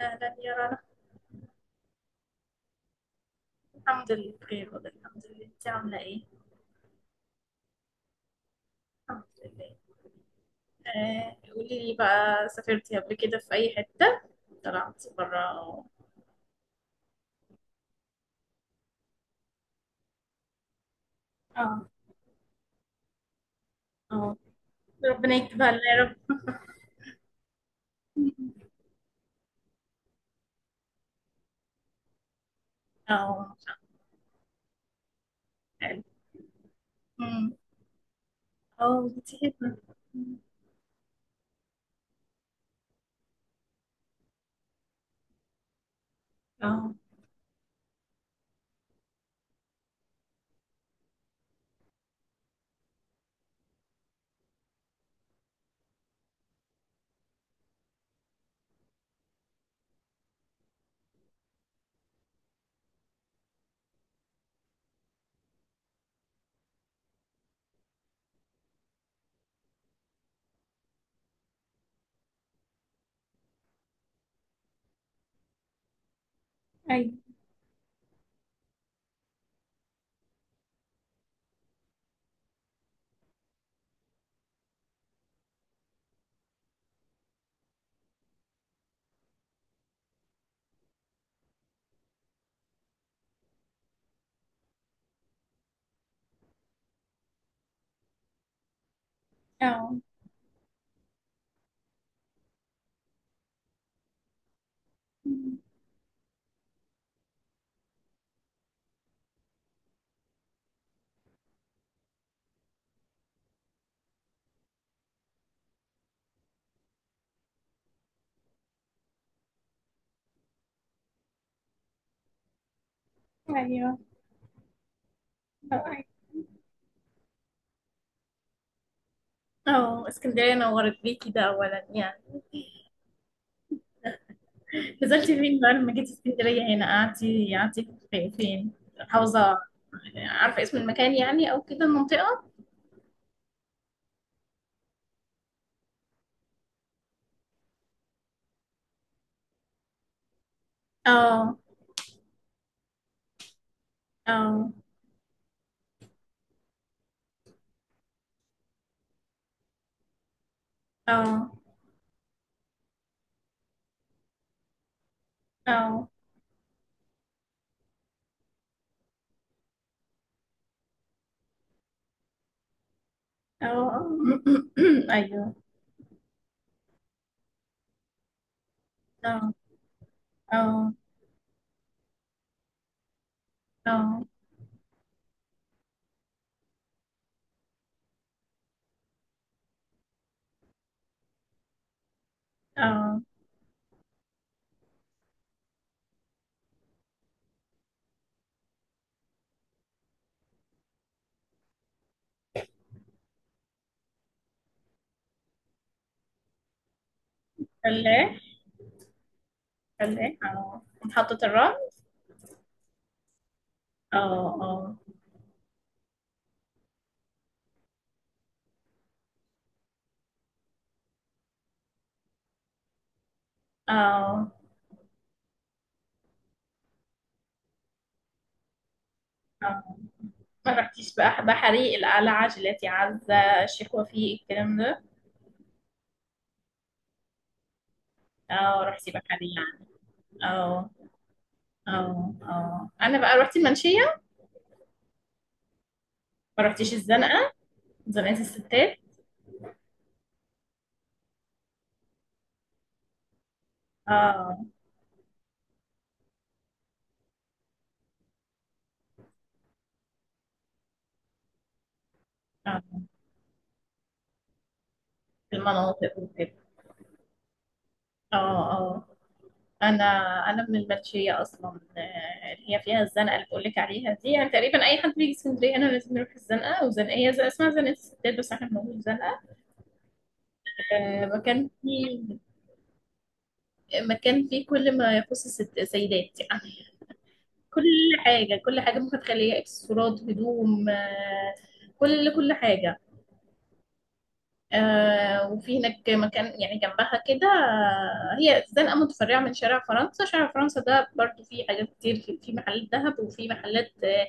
أهلا يا رنا. الحمد لله بخير، والله الحمد لله. أنت عاملة إيه؟ الحمد لله. قولي لي بقى، سافرتي قبل كده في أي حتة؟ طلعتي برا أو. آه. آه، ربنا يكتبها لنا يا رب. آه. حلو. أمم. آه، كتير. آه، أي. آه. أمم. أيوه. آه، أي. اسكندرية نورت بيكي ده أولا يعني. نزلتي فين بقى لما جيتي اسكندرية هنا؟ قعدتي فين، حوزة؟ عارفة اسم المكان يعني، أو كده المنطقة؟ اه. اه. اه. اه. اه. أيوه. اه. اه. اه. اه. فلاح. فلاح، اه محطة الرمل. اه. اه. اه. اه. ما رحتيش بقى بحري، القلعة، جيلاتي عزة، الشيخ وفيق، الكلام ده؟ اه، رحتي بحري يعني؟ اه. اه. اه، انا بقى رحت المنشيه. ما رحتيش الزنقه، زنقه الستات؟ اه. اه، في المناطق وكده. اه. اه. انا، انا من المنشيه اصلا. اللي هي فيها الزنقه اللي بقول لك عليها دي، يعني تقريبا اي حد بيجي اسكندريه انا لازم يروح الزنقه، وزنقيه زي اسمها زنقه الستات، بس احنا بنقول زنقه. مكان فيه، مكان فيه كل ما يخص الست سيدات يعني، كل حاجه، كل حاجه، ممكن تخليها اكسسوارات، هدوم، كل حاجه. آه، وفي هناك مكان يعني جنبها كده، هي زنقة متفرعة من شارع فرنسا. شارع فرنسا ده برضو فيه حاجات كتير، في محلات ذهب، وفي محلات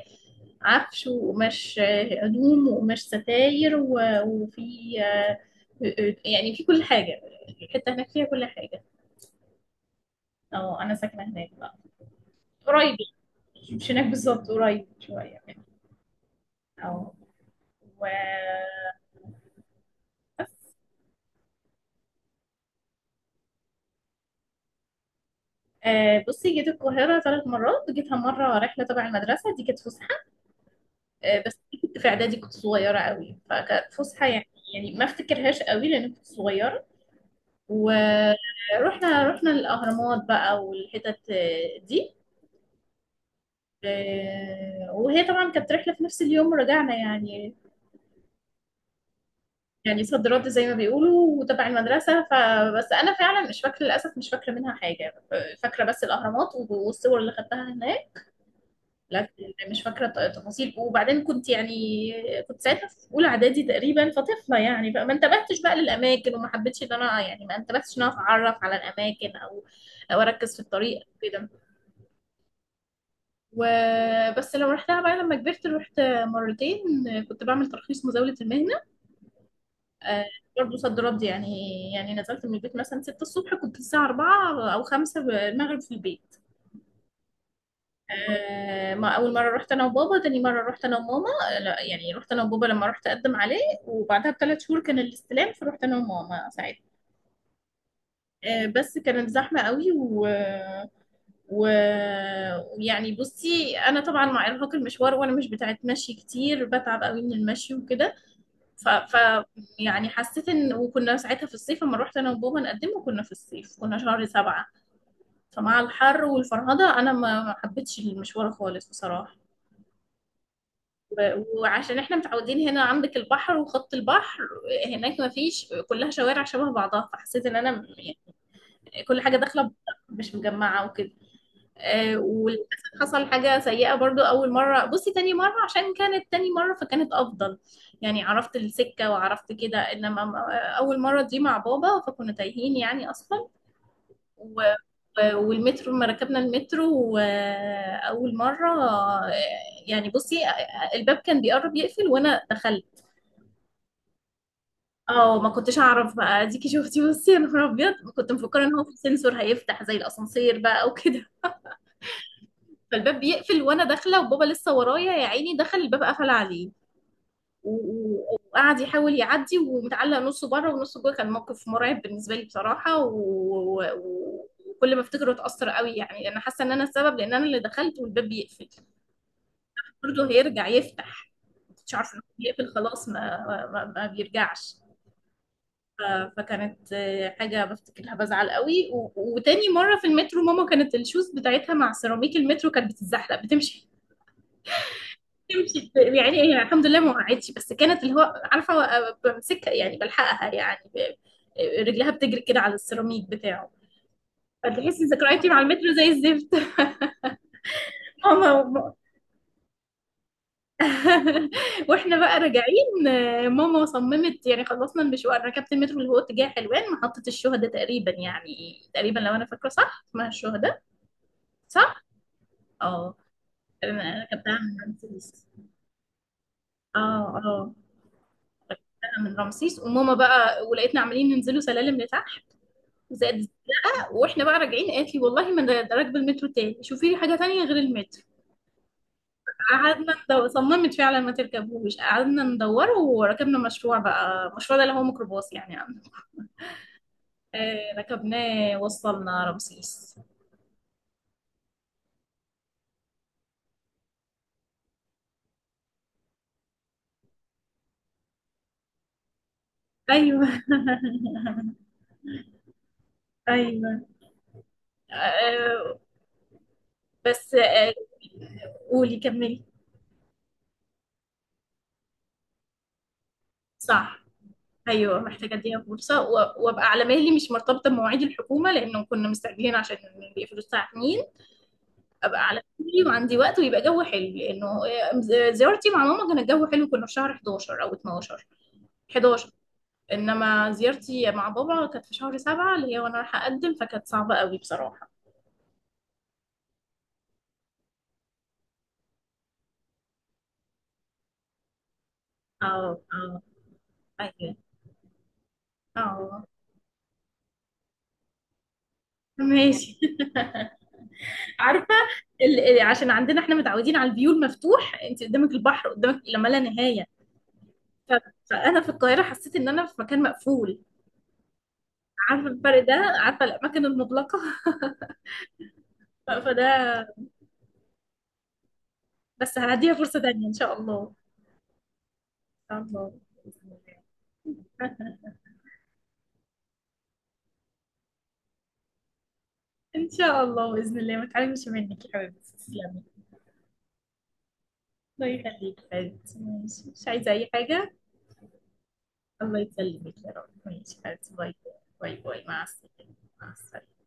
عفش وقماش، هدوم وقماش ستاير، وفي آه، يعني في كل حاجة، الحتة هناك فيها كل حاجة. اه، أنا ساكنة هناك بقى، قريب. مش هناك بالظبط، قريب شوية يعني. اه. و بصي، جيت القاهرة ثلاث مرات. جيتها مرة رحلة تبع المدرسة، دي كانت فسحة. بس كنت في اعدادي، كنت صغيره قوي، فكانت فسحه يعني. يعني ما افتكرهاش قوي لان كنت صغيره. ورحنا، الاهرامات بقى والحتت دي. وهي طبعا كانت رحله في نفس اليوم ورجعنا يعني. يعني صد رد زي ما بيقولوا، وتبع المدرسه، فبس انا فعلا مش فاكره، للاسف مش فاكره منها حاجه. فاكره بس الاهرامات والصور اللي خدتها هناك، لكن مش فاكرة تفاصيل. وبعدين كنت يعني، كنت ساعتها في أولى إعدادي تقريبا، فطفلة يعني، فما انتبهتش بقى للأماكن، وما حبيتش إن أنا يعني، ما انتبهتش إن أنا أتعرف على الأماكن، أو أو أركز في الطريق أو كده. وبس لو رحتها بقى لما كبرت، رحت مرتين، كنت بعمل ترخيص مزاولة المهنة. آه، برضه صد رد يعني. يعني نزلت من البيت مثلا 6 الصبح، كنت الساعة 4 أو 5 المغرب في البيت. ما اول مره رحت انا وبابا، تاني مره رحت انا وماما. لا يعني رحت انا وبابا لما رحت اقدم عليه، وبعدها بثلاث شهور كان الاستلام، فرحت انا وماما ساعتها. بس كانت زحمه قوي، و ويعني بصي انا طبعا مع ارهاق المشوار، وانا مش بتاعت مشي كتير، بتعب قوي من المشي وكده. ف... ف يعني حسيت ان، وكنا ساعتها في الصيف لما رحت انا وبابا نقدمه، كنا في الصيف كنا شهر سبعة. فمع الحر والفرهده انا ما حبيتش المشوار خالص بصراحه. وعشان احنا متعودين هنا عندك البحر وخط البحر، هناك ما فيش، كلها شوارع شبه بعضها، فحسيت ان انا يعني كل حاجه داخله، مش مجمعه وكده. آه، وللاسف حصل حاجه سيئه برضو اول مره. بصي تاني مره، عشان كانت تاني مره فكانت افضل، يعني عرفت السكه وعرفت كده، انما اول مره دي مع بابا فكنا تايهين يعني اصلا. و والمترو، لما ركبنا المترو وأول مرة، يعني بصي، الباب كان بيقرب يقفل وأنا دخلت. اه ما كنتش اعرف بقى، اديكي شفتي بصي، يا نهار ابيض، كنت مفكره ان هو في سنسور هيفتح زي الاسانسير بقى وكده. فالباب بيقفل وانا داخله، وبابا لسه ورايا يا عيني، دخل، الباب قفل عليه. وقعد يحاول يعدي، ومتعلق نصه بره ونصه جوه. كان موقف مرعب بالنسبه لي بصراحه. وكل ما افتكره اتاثر قوي يعني. انا حاسه ان انا السبب، لان انا اللي دخلت والباب بيقفل، برضه هيرجع يفتح، مش عارفه إن هو بيقفل خلاص. ما بيرجعش. فكانت حاجة بفتكرها بزعل قوي. وتاني مرة في المترو، ماما كانت الشوز بتاعتها مع سيراميك المترو كانت بتتزحلق، بتمشي يعني. هي الحمد لله ما وقعتش، بس كانت اللي هو عارفة بمسكها يعني، بلحقها يعني، رجلها بتجري كده على السيراميك بتاعه. فتحسي ذكرياتي مع المترو زي الزفت. ماما وم... واحنا بقى راجعين، آه، ماما صممت. يعني خلصنا المشوار، ركبت المترو اللي هو اتجاه حلوان، محطة الشهداء تقريبا. يعني تقريبا لو انا فاكرة صح اسمها الشهداء، صح. اه. أنا كان بتاع رمسيس. اه، اه، انا من رمسيس، وماما بقى ولقيتنا عمالين ننزلوا سلالم لتحت، زائد زق. واحنا بقى راجعين قالت لي، والله ما انا راكبه المترو تاني، شوفي لي حاجه تانية غير المترو. قعدنا ندور، صممت فعلا ما تركبوش، قعدنا ندور وركبنا مشروع بقى. المشروع ده اللي هو ميكروباص يعني عندنا. آه ركبناه، وصلنا رمسيس. ايوه. ايوه. آه. بس آه، قولي كملي. صح. ايوه، محتاجه اديها فرصه، وابقى على مهلي، مش مرتبطه بمواعيد الحكومه، لانه كنا مستعجلين عشان بيقفلوا الساعه 2. ابقى على مهلي وعندي وقت، ويبقى جو حلو. لانه آه، زيارتي مع ماما كان الجو حلو، كنا في شهر 11 او 12. 11، انما زيارتي مع بابا كانت في شهر 7 اللي هي وانا رايحه اقدم، فكانت صعبه قوي بصراحه. اه. اه. ايوه. اه. ماشي. عارفه عشان عندنا احنا متعودين على الفيو المفتوح، انت قدامك البحر، قدامك لا ما لا نهايه. ف- فانا في القاهره حسيت ان انا في مكان مقفول. عارفه الفرق ده، عارفه الاماكن المغلقه. فده، بس هنديها فرصه تانية ان شاء الله. ان شاء الله بإذن الله. ان شاء الله باذن الله، ما تعلمش منك يا حبيبتي، تسلمي. الله يخليك يا حبيبتي، ماشي، مش عايزه اي حاجه. الله يسلمك يا رب، ماشي يا حبيبتي، باي. باي باي، مع السلامه. مع السلامه.